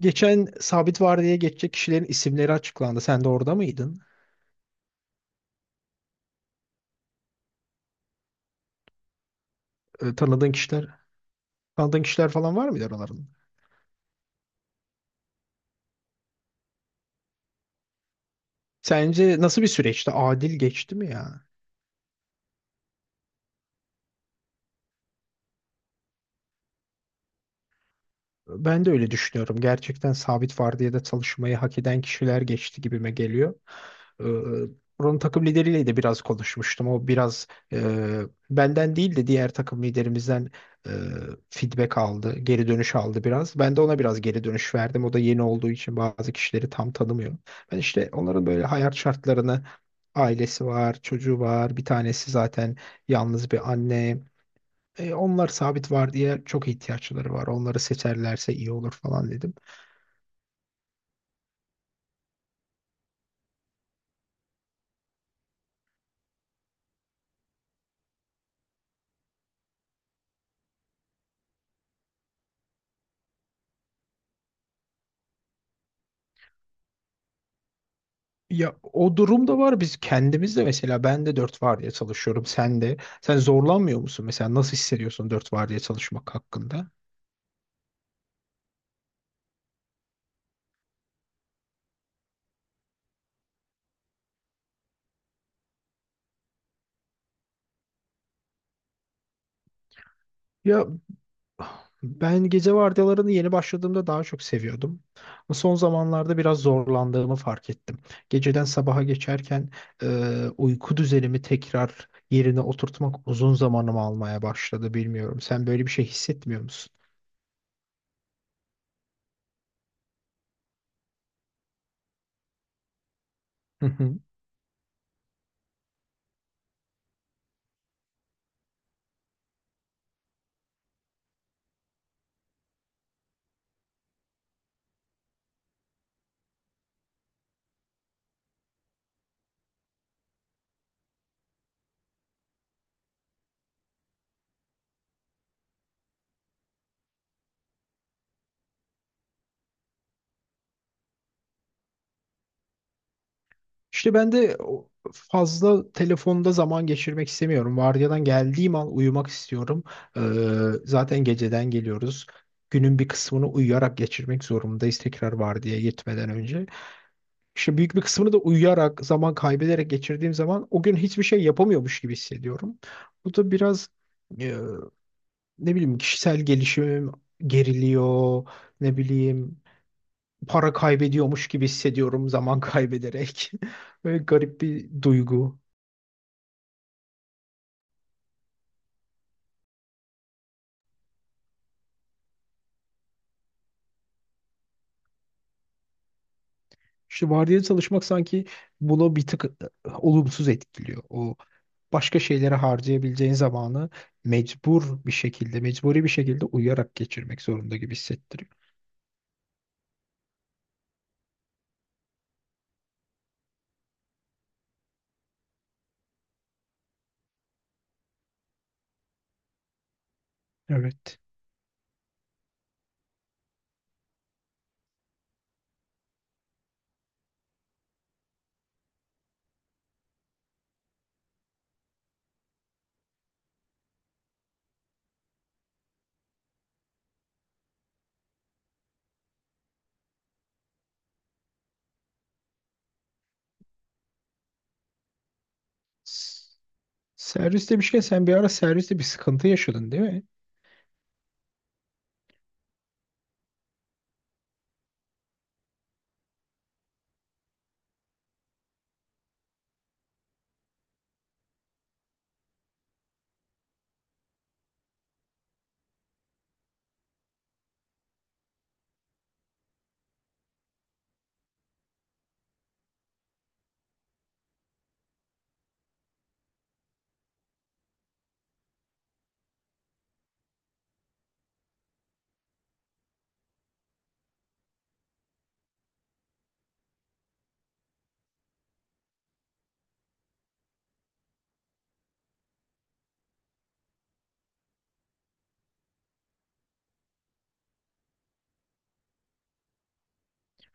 Geçen sabit vardiyaya geçecek kişilerin isimleri açıklandı. Sen de orada mıydın? Ee, tanıdığın kişiler, tanıdığın kişiler falan var mıydı aralarında? Sence nasıl bir süreçti? Adil geçti mi ya? Ben de öyle düşünüyorum. Gerçekten sabit vardiyada çalışmayı hak eden kişiler geçti gibime geliyor. Ee, buranın takım lideriyle de biraz konuşmuştum. O biraz e, benden değil de diğer takım liderimizden e, feedback aldı, geri dönüş aldı biraz. Ben de ona biraz geri dönüş verdim. O da yeni olduğu için bazı kişileri tam tanımıyor. Ben işte onların böyle hayat şartlarını, ailesi var, çocuğu var, bir tanesi zaten yalnız bir anne. Onlar sabit var diye çok ihtiyaçları var. Onları seçerlerse iyi olur falan dedim. Ya o durum da var. Biz kendimiz de mesela ben de dört vardiya çalışıyorum. Sen de. Sen zorlanmıyor musun? Mesela nasıl hissediyorsun dört vardiya çalışmak hakkında? Ya ben gece vardiyalarını yeni başladığımda daha çok seviyordum. Ama son zamanlarda biraz zorlandığımı fark ettim. Geceden sabaha geçerken uyku düzenimi tekrar yerine oturtmak uzun zamanımı almaya başladı. Bilmiyorum. Sen böyle bir şey hissetmiyor musun? Hı hı. İşte ben de fazla telefonda zaman geçirmek istemiyorum. Vardiyadan geldiğim an uyumak istiyorum. Ee, zaten geceden geliyoruz. Günün bir kısmını uyuyarak geçirmek zorundayız tekrar vardiyaya gitmeden önce. İşte büyük bir kısmını da uyuyarak, zaman kaybederek geçirdiğim zaman o gün hiçbir şey yapamıyormuş gibi hissediyorum. Bu da biraz e, ne bileyim, kişisel gelişimim geriliyor, ne bileyim, para kaybediyormuş gibi hissediyorum zaman kaybederek. Böyle garip bir duygu. İşte vardiyalı çalışmak sanki bunu bir tık olumsuz etkiliyor. O başka şeylere harcayabileceğin zamanı mecbur bir şekilde, mecburi bir şekilde uyuyarak geçirmek zorunda gibi hissettiriyor. Evet. S- Servis demişken sen bir ara serviste bir sıkıntı yaşadın değil mi?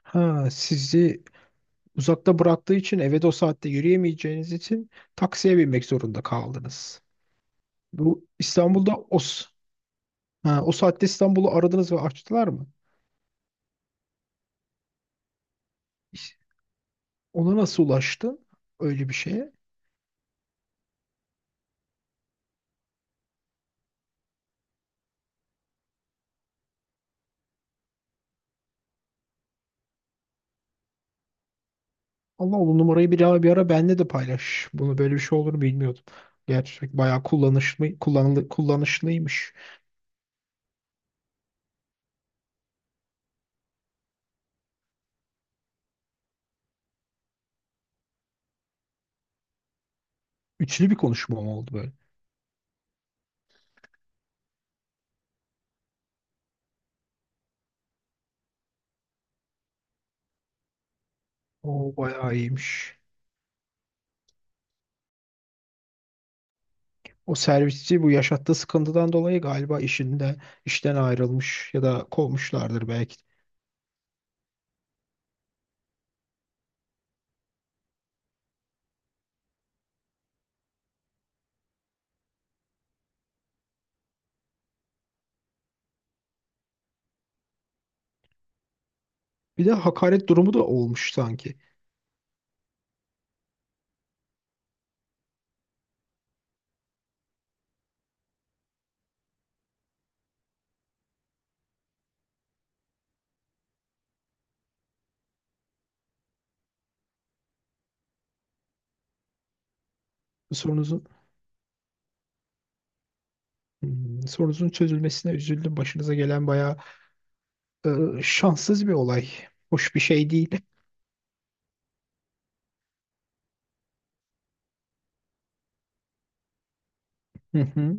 Ha, sizi uzakta bıraktığı için eve de o saatte yürüyemeyeceğiniz için taksiye binmek zorunda kaldınız. Bu İstanbul'da ha, o saatte İstanbul'u aradınız ve açtılar mı? İş- Ona nasıl ulaştın öyle bir şeye? Allah o numarayı bir ara benle de paylaş. Bunu böyle bir şey olduğunu bilmiyordum. Gerçek bayağı kullanışlıymış. Üçlü bir konuşma mı oldu böyle? O bayağı iyiymiş. O servisçi bu yaşattığı sıkıntıdan dolayı galiba işten ayrılmış ya da kovmuşlardır belki. Bir de hakaret durumu da olmuş sanki. Sorunuzun sorunuzun çözülmesine üzüldüm. Başınıza gelen bayağı e, şanssız bir olay. Hoş bir şey değil. Hı hı.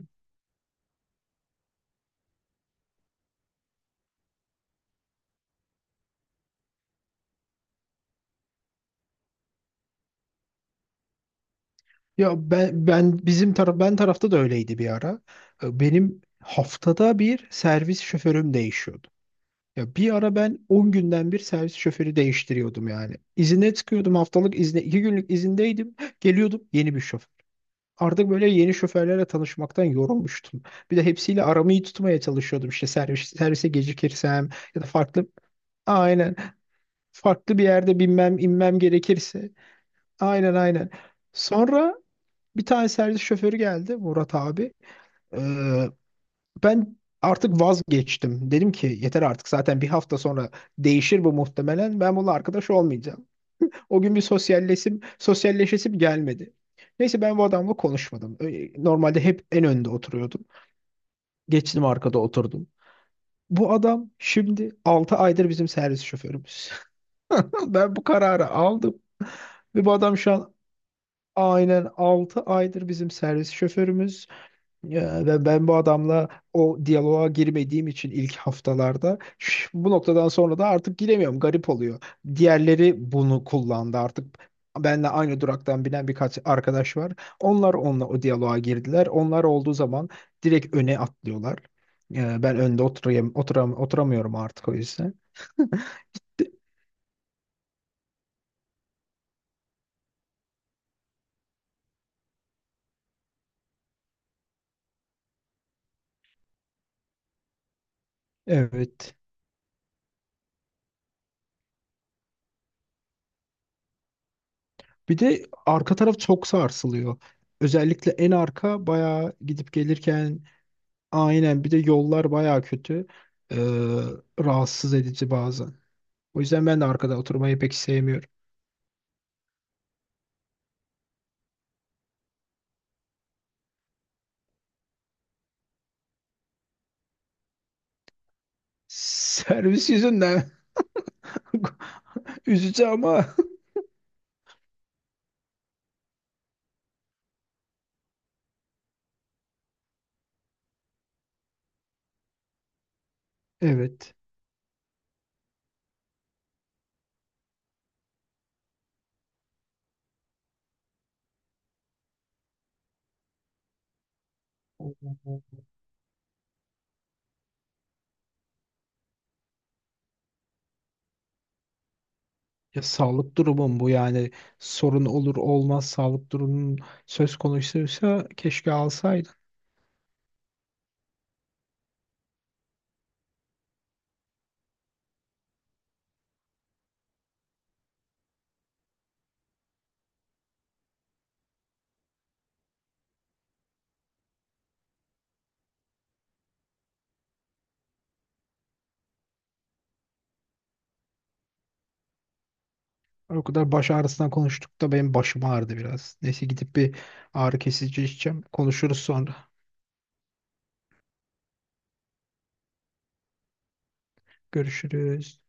Ya ben tarafta da öyleydi bir ara. Benim haftada bir servis şoförüm değişiyordu. Ya bir ara ben 10 günden bir servis şoförü değiştiriyordum yani. İzine çıkıyordum haftalık izne, 2 günlük izindeydim. Geliyordum yeni bir şoför. Artık böyle yeni şoförlerle tanışmaktan yorulmuştum. Bir de hepsiyle aramı iyi tutmaya çalışıyordum. İşte servise gecikirsem ya da aynen farklı bir yerde binmem inmem gerekirse. Aynen, aynen. Sonra bir tane servis şoförü geldi Murat abi. Ee, ben artık vazgeçtim. Dedim ki yeter artık, zaten bir hafta sonra değişir bu muhtemelen. Ben bununla arkadaş olmayacağım. O gün bir sosyalleşesim gelmedi. Neyse, ben bu adamla konuşmadım. Normalde hep en önde oturuyordu. Geçtim arkada oturdum. Bu adam şimdi 6 aydır bizim servis şoförümüz. Ben bu kararı aldım. Ve bu adam şu an aynen 6 aydır bizim servis şoförümüz. Ya ben bu adamla o diyaloğa girmediğim için ilk haftalarda bu noktadan sonra da artık giremiyorum. Garip oluyor. Diğerleri bunu kullandı artık. Benle aynı duraktan binen birkaç arkadaş var. Onlar onunla o diyaloğa girdiler. Onlar olduğu zaman direkt öne atlıyorlar. Ben önde oturamıyorum artık o yüzden. Evet. Bir de arka taraf çok sarsılıyor. Özellikle en arka bayağı gidip gelirken aynen, bir de yollar baya kötü. Ee, rahatsız edici bazen. O yüzden ben de arkada oturmayı pek sevmiyorum. Servis yüzünden üzücü ama evet. Ya sağlık durumum bu yani, sorun olur olmaz sağlık durumun söz konusuysa keşke alsaydın. O kadar baş ağrısından konuştuk da benim başım ağrıdı biraz. Neyse, gidip bir ağrı kesici içeceğim. Konuşuruz sonra. Görüşürüz.